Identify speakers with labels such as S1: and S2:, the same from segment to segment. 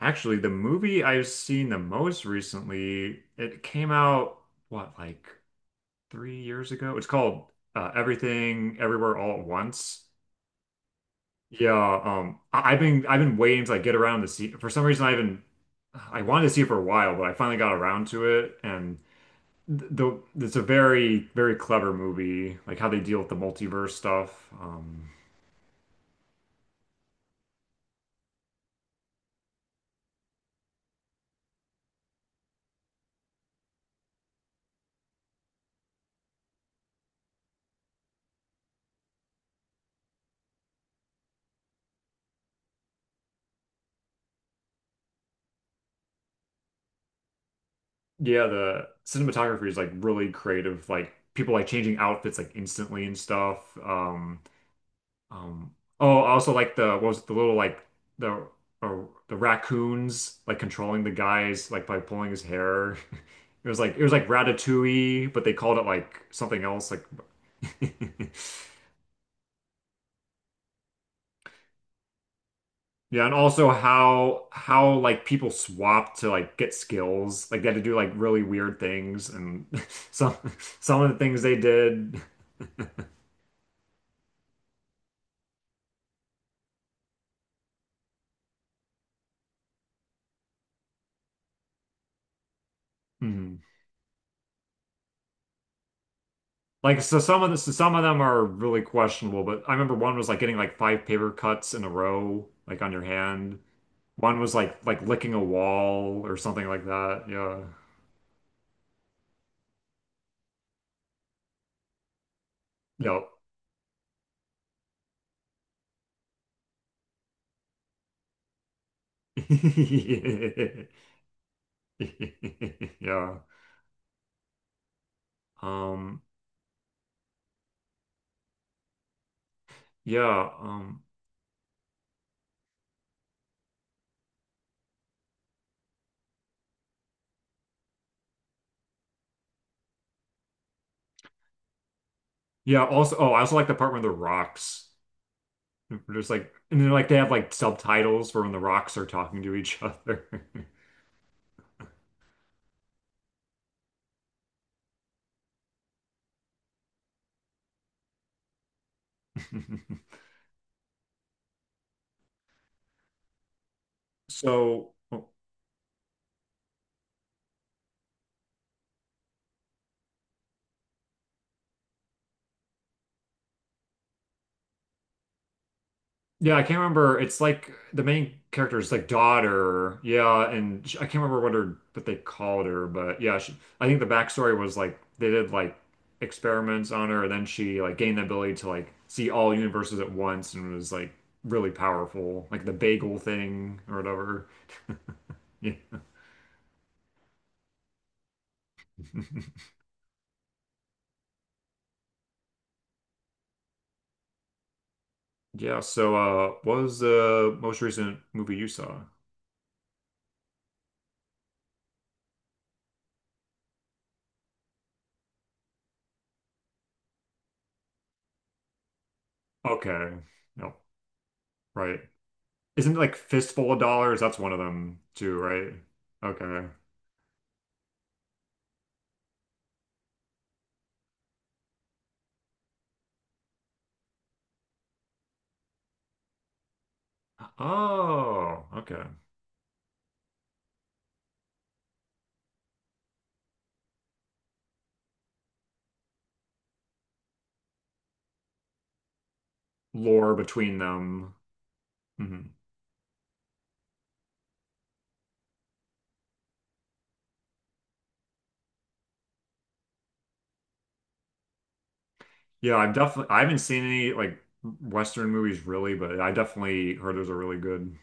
S1: Actually, the movie I've seen the most recently, it came out, what, like 3 years ago? It's called Everything Everywhere All at Once. Yeah, I've been waiting to like get around to see. For some reason, I've been I wanted to see it for a while, but I finally got around to it, and th- the it's a very clever movie, like how they deal with the multiverse stuff. Yeah, the cinematography is like really creative, like people like changing outfits like instantly and stuff. Um, oh, also like the what was it, the little like the uh, the raccoons like controlling the guys like by pulling his hair. It was like Ratatouille, but they called it like something else. Like yeah, and also how like people swapped to like get skills. Like they had to do like really weird things, and some some of the things they did. Mhm. Like so some of them are really questionable, but I remember one was like getting like five paper cuts in a row, like on your hand. One was like licking a wall or something like that. Yeah. Yep. Yeah. Um yeah, um yeah, also oh, I also like the part where the rocks there's like and then like they have like subtitles for when the rocks are talking to each other. So oh, yeah, I can't remember. It's like the main character's like daughter. Yeah, and sh I can't remember what her what they called her, but yeah, she, I think the backstory was like they did like experiments on her, and then she like gained the ability to like see all universes at once and was like really powerful, like the bagel thing or whatever. Yeah. Yeah, so what was the most recent movie you saw? Okay. No, right. Isn't it like Fistful of Dollars? That's one of them too, right? Okay. Oh, okay. Lore between them. Hmm. Yeah, I've definitely I haven't seen any like Western movies really, but I definitely heard there's a really good.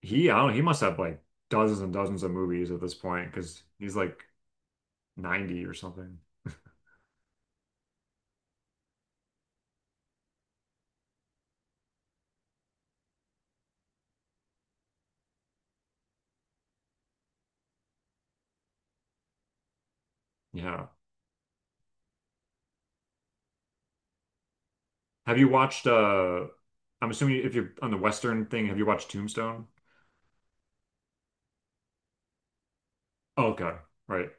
S1: He I don't know, he must have like dozens and dozens of movies at this point because he's like 90 or something. Yeah. Have you watched I'm assuming if you're on the Western thing, have you watched Tombstone? Oh, okay. Right.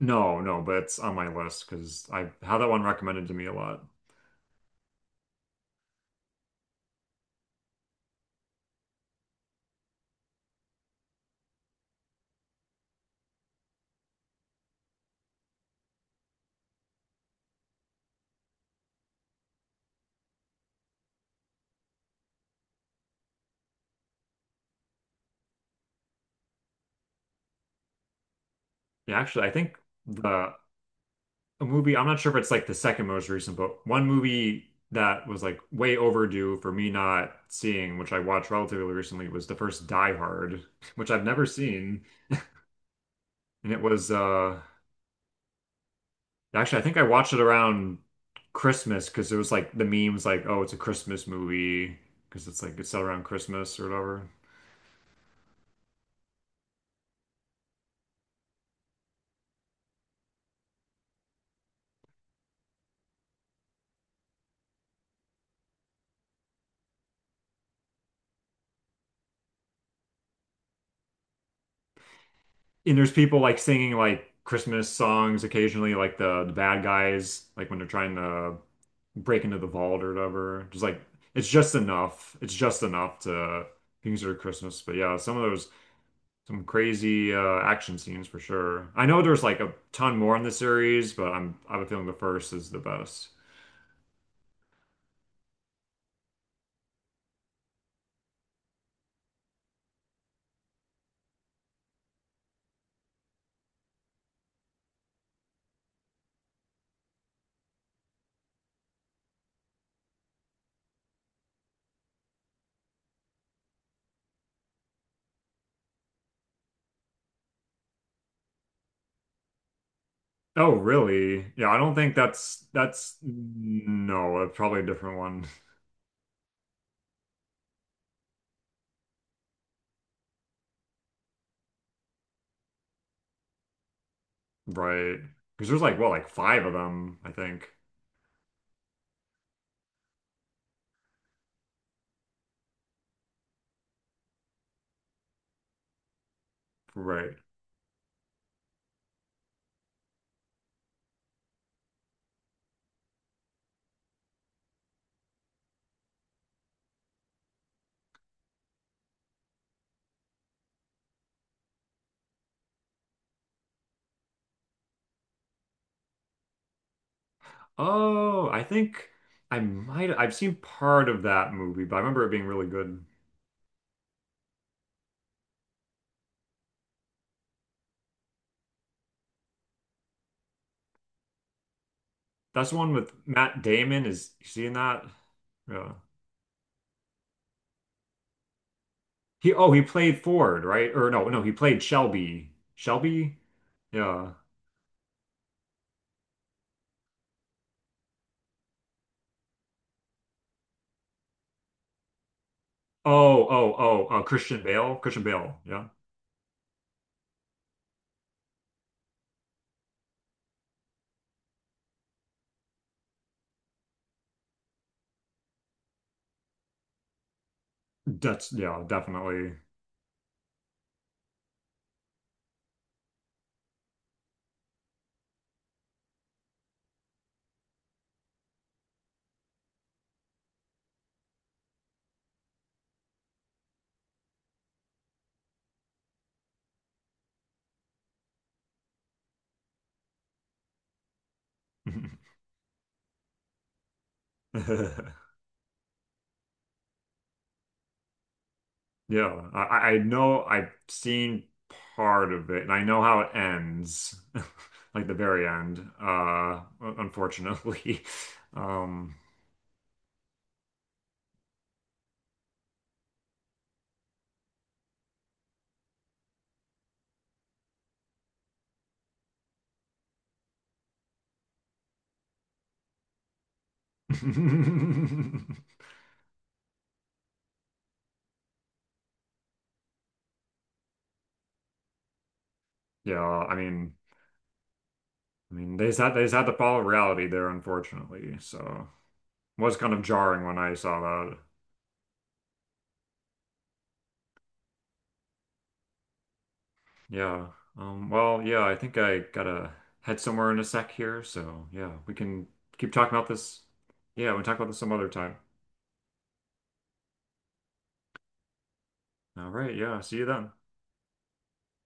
S1: No, no, but it's on my list because I had that one recommended to me a lot. Yeah, actually, I think the a movie. I'm not sure if it's like the second most recent, but one movie that was like way overdue for me not seeing, which I watched relatively recently, was the first Die Hard, which I've never seen. And it was actually I think I watched it around Christmas because it was like the memes like, oh, it's a Christmas movie because it's like it's set around Christmas or whatever. And there's people like singing like Christmas songs occasionally, like the bad guys, like when they're trying to break into the vault or whatever. Just like It's just enough to consider Christmas. But yeah, some of those some crazy action scenes for sure. I know there's like a ton more in the series, but I have a feeling the first is the best. Oh, really? Yeah, I don't think that's no, it's probably a different one, right? Because there's like what, like five of them, I think, right? Oh, I think I might I've seen part of that movie, but I remember it being really good. That's the one with Matt Damon. Is you seeing that? Yeah. He oh he played Ford, right? Or no, no, he played Shelby. Shelby? Yeah. Oh, oh, oh, Christian Bale. Christian Bale. Yeah. That's yeah, definitely. Yeah. I know I've seen part of it and I know how it ends. Like the very end, unfortunately. Um, yeah, I mean, they just had to follow reality there, unfortunately. So it was kind of jarring when I saw that. Yeah. Well, yeah, I think I gotta head somewhere in a sec here. So yeah, we can keep talking about this. Yeah, we can talk about this some other time. All right, yeah, see you then.